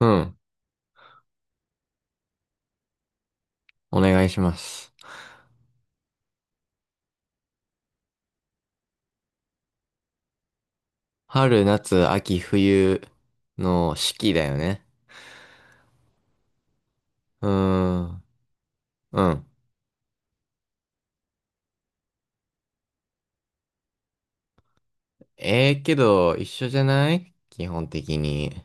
うん。お願いします。春、夏、秋、冬の四季だよね。うーん。うん。ええけど、一緒じゃない基本的に。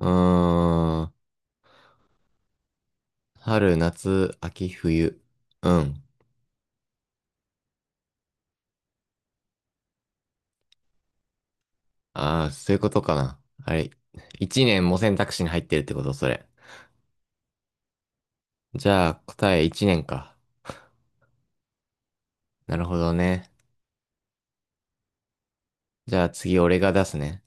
うーん。春、夏、秋、冬。うん。ああ、そういうことかな。あれ、一年も選択肢に入ってるってこと、それ。じゃあ、答え一年か。なるほどね。じゃあ次、俺が出すね。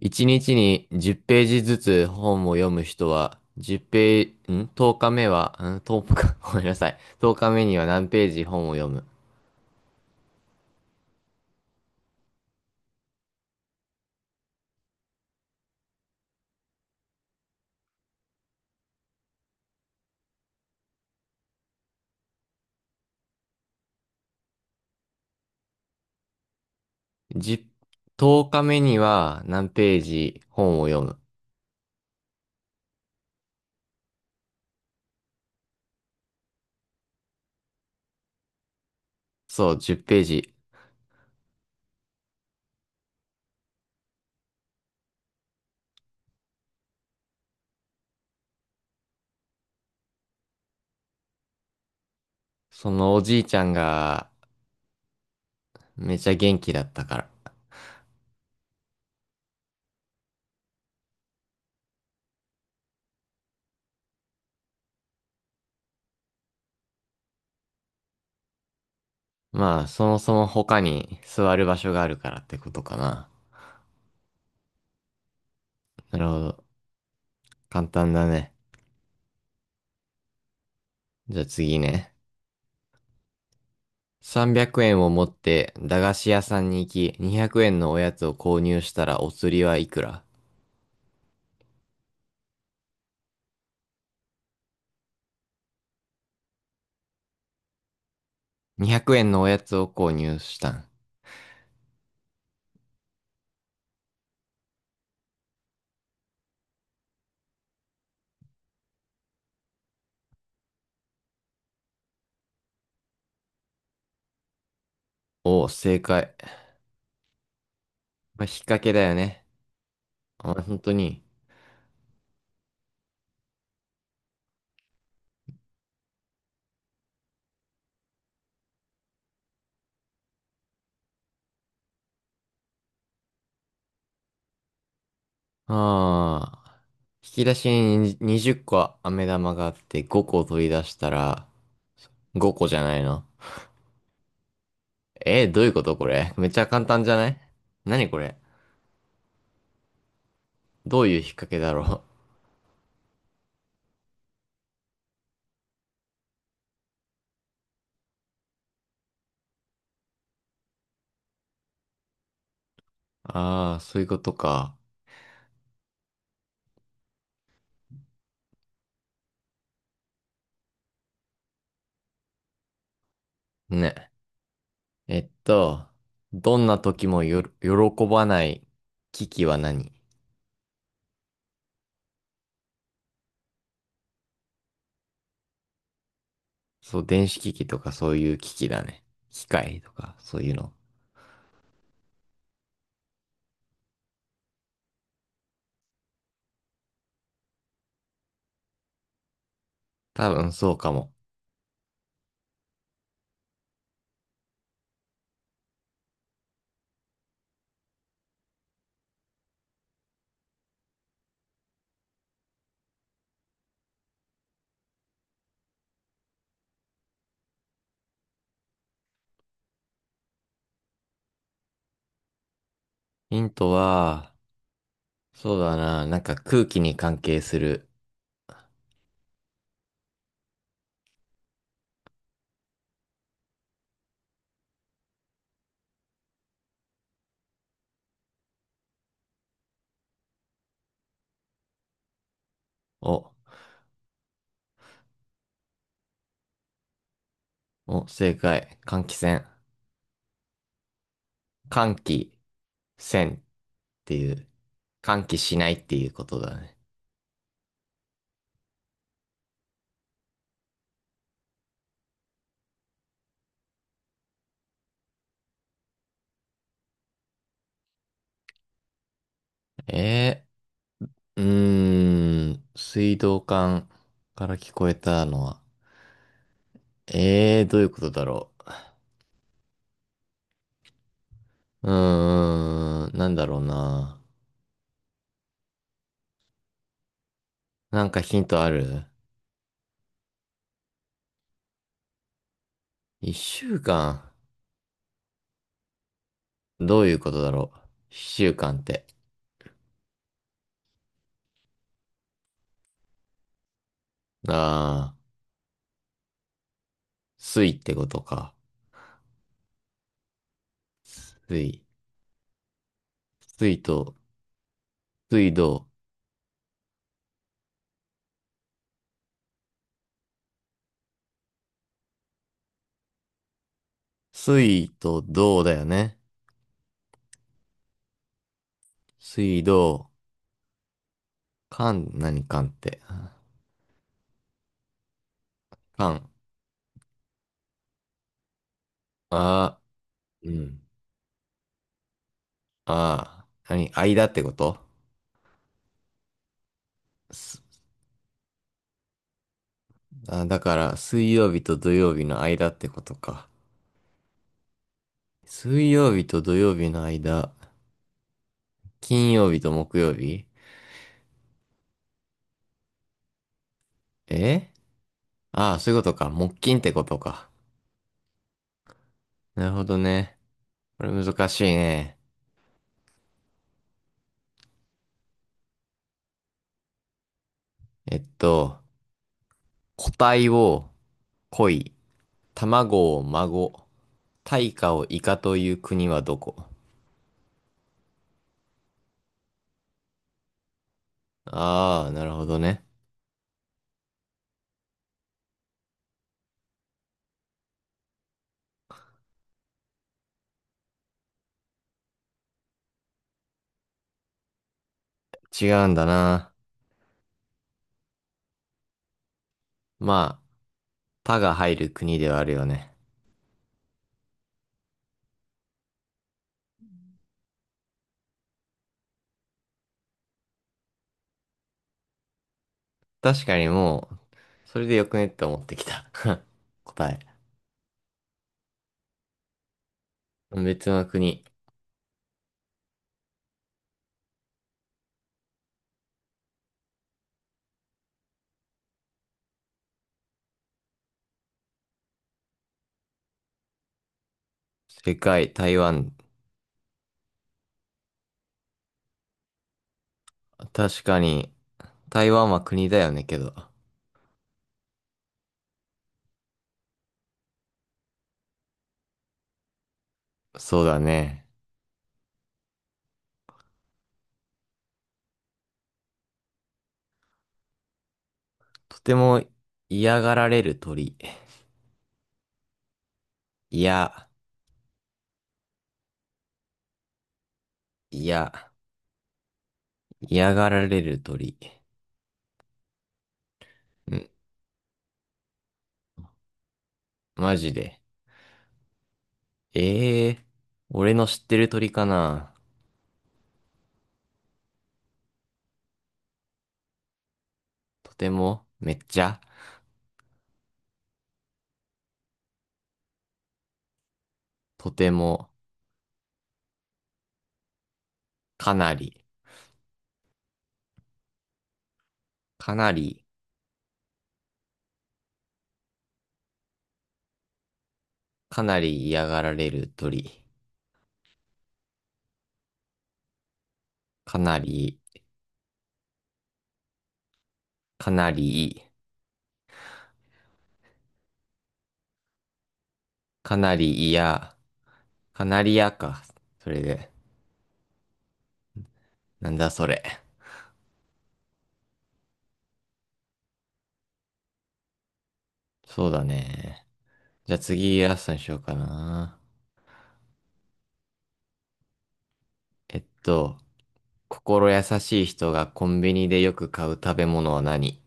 一日に10ページずつ本を読む人は、10ページ、ん？ 10 日目は、ん1日か、ごめんなさい。10日目には何ページ本を読む。10、日目には何ページ本を読む。そう、10ページ。そのおじいちゃんがめちゃ元気だったから。まあ、そもそも他に座る場所があるからってことかな。なるほど。簡単だね。じゃあ次ね。300円を持って駄菓子屋さんに行き、200円のおやつを購入したらお釣りはいくら？ 200 円のおやつを購入したん。おお、正解。まあ、引っ掛けだよね。あ、本当に。ああ。引き出しに20個飴玉があって5個取り出したら5個じゃないの？どういうこと？これめっちゃ簡単じゃない？何これ？どういう引っ掛けだろう？ああー、そういうことか。ね。えっと、どんな時も喜ばない機器は何？そう、電子機器とかそういう機器だね。機械とかそういうの。多分そうかも。ヒントは、そうだな、なんか空気に関係する。お、お、正解。換気扇。換気扇っていう、換気しないっていうことだね。えうーん、水道管から聞こえたのは、どういうことだろう。うーん、なんだろうな。なんかヒントある？一週間。どういうことだろう。一週間って。ああ、水ってことか。水。水と、水道。水と道だよね。水道。間、何間って。間。ああ、うん。ああ、何間ってこと？すあ、だから、水曜日と土曜日の間ってことか。水曜日と土曜日の間。金曜日と木曜日えああ、そういうことか。木金ってことか。なるほどね。これ難しいね。えっと、個体を恋、卵を孫、大化をイカという国はどこ？ああ、なるほどね。違うんだな。まあ、他が入る国ではあるよね。確かにもう、それでよくねって思ってきた。答え。別の国。世界、台湾。確かに、台湾は国だよねけど。そうだね。とても嫌がられる鳥。いや、いや、嫌がられる鳥。うん、マジで。ええ俺の知ってる鳥かな。とても、めっちゃ、とても、かなり、かなり、かなり嫌がられる鳥。かなり、かなり、かなり嫌、かなり嫌か。それで、なんだそれ。そうだね。じゃあ次、ラストにしようかな。えっと、心優しい人がコンビニでよく買う食べ物は何？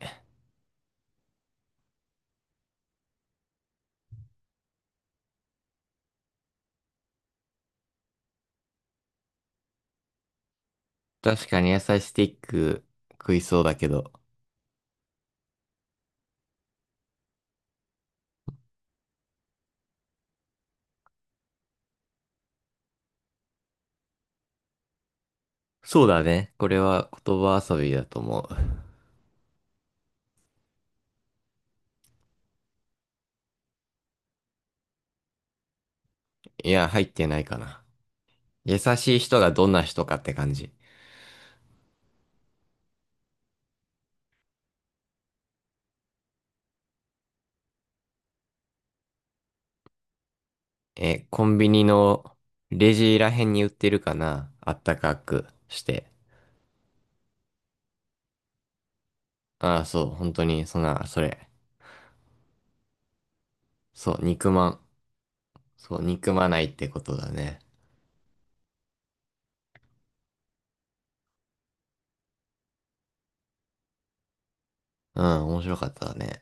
確かに野菜スティック食いそうだけど。そうだね。これは言葉遊びだと思う。いや、入ってないかな。優しい人がどんな人かって感じ。え、コンビニのレジらへんに売ってるかなあったかくして。ああ、そう、本当に、そんな、それ。そう、憎まん。そう、憎まないってことだね。うん、面白かったね。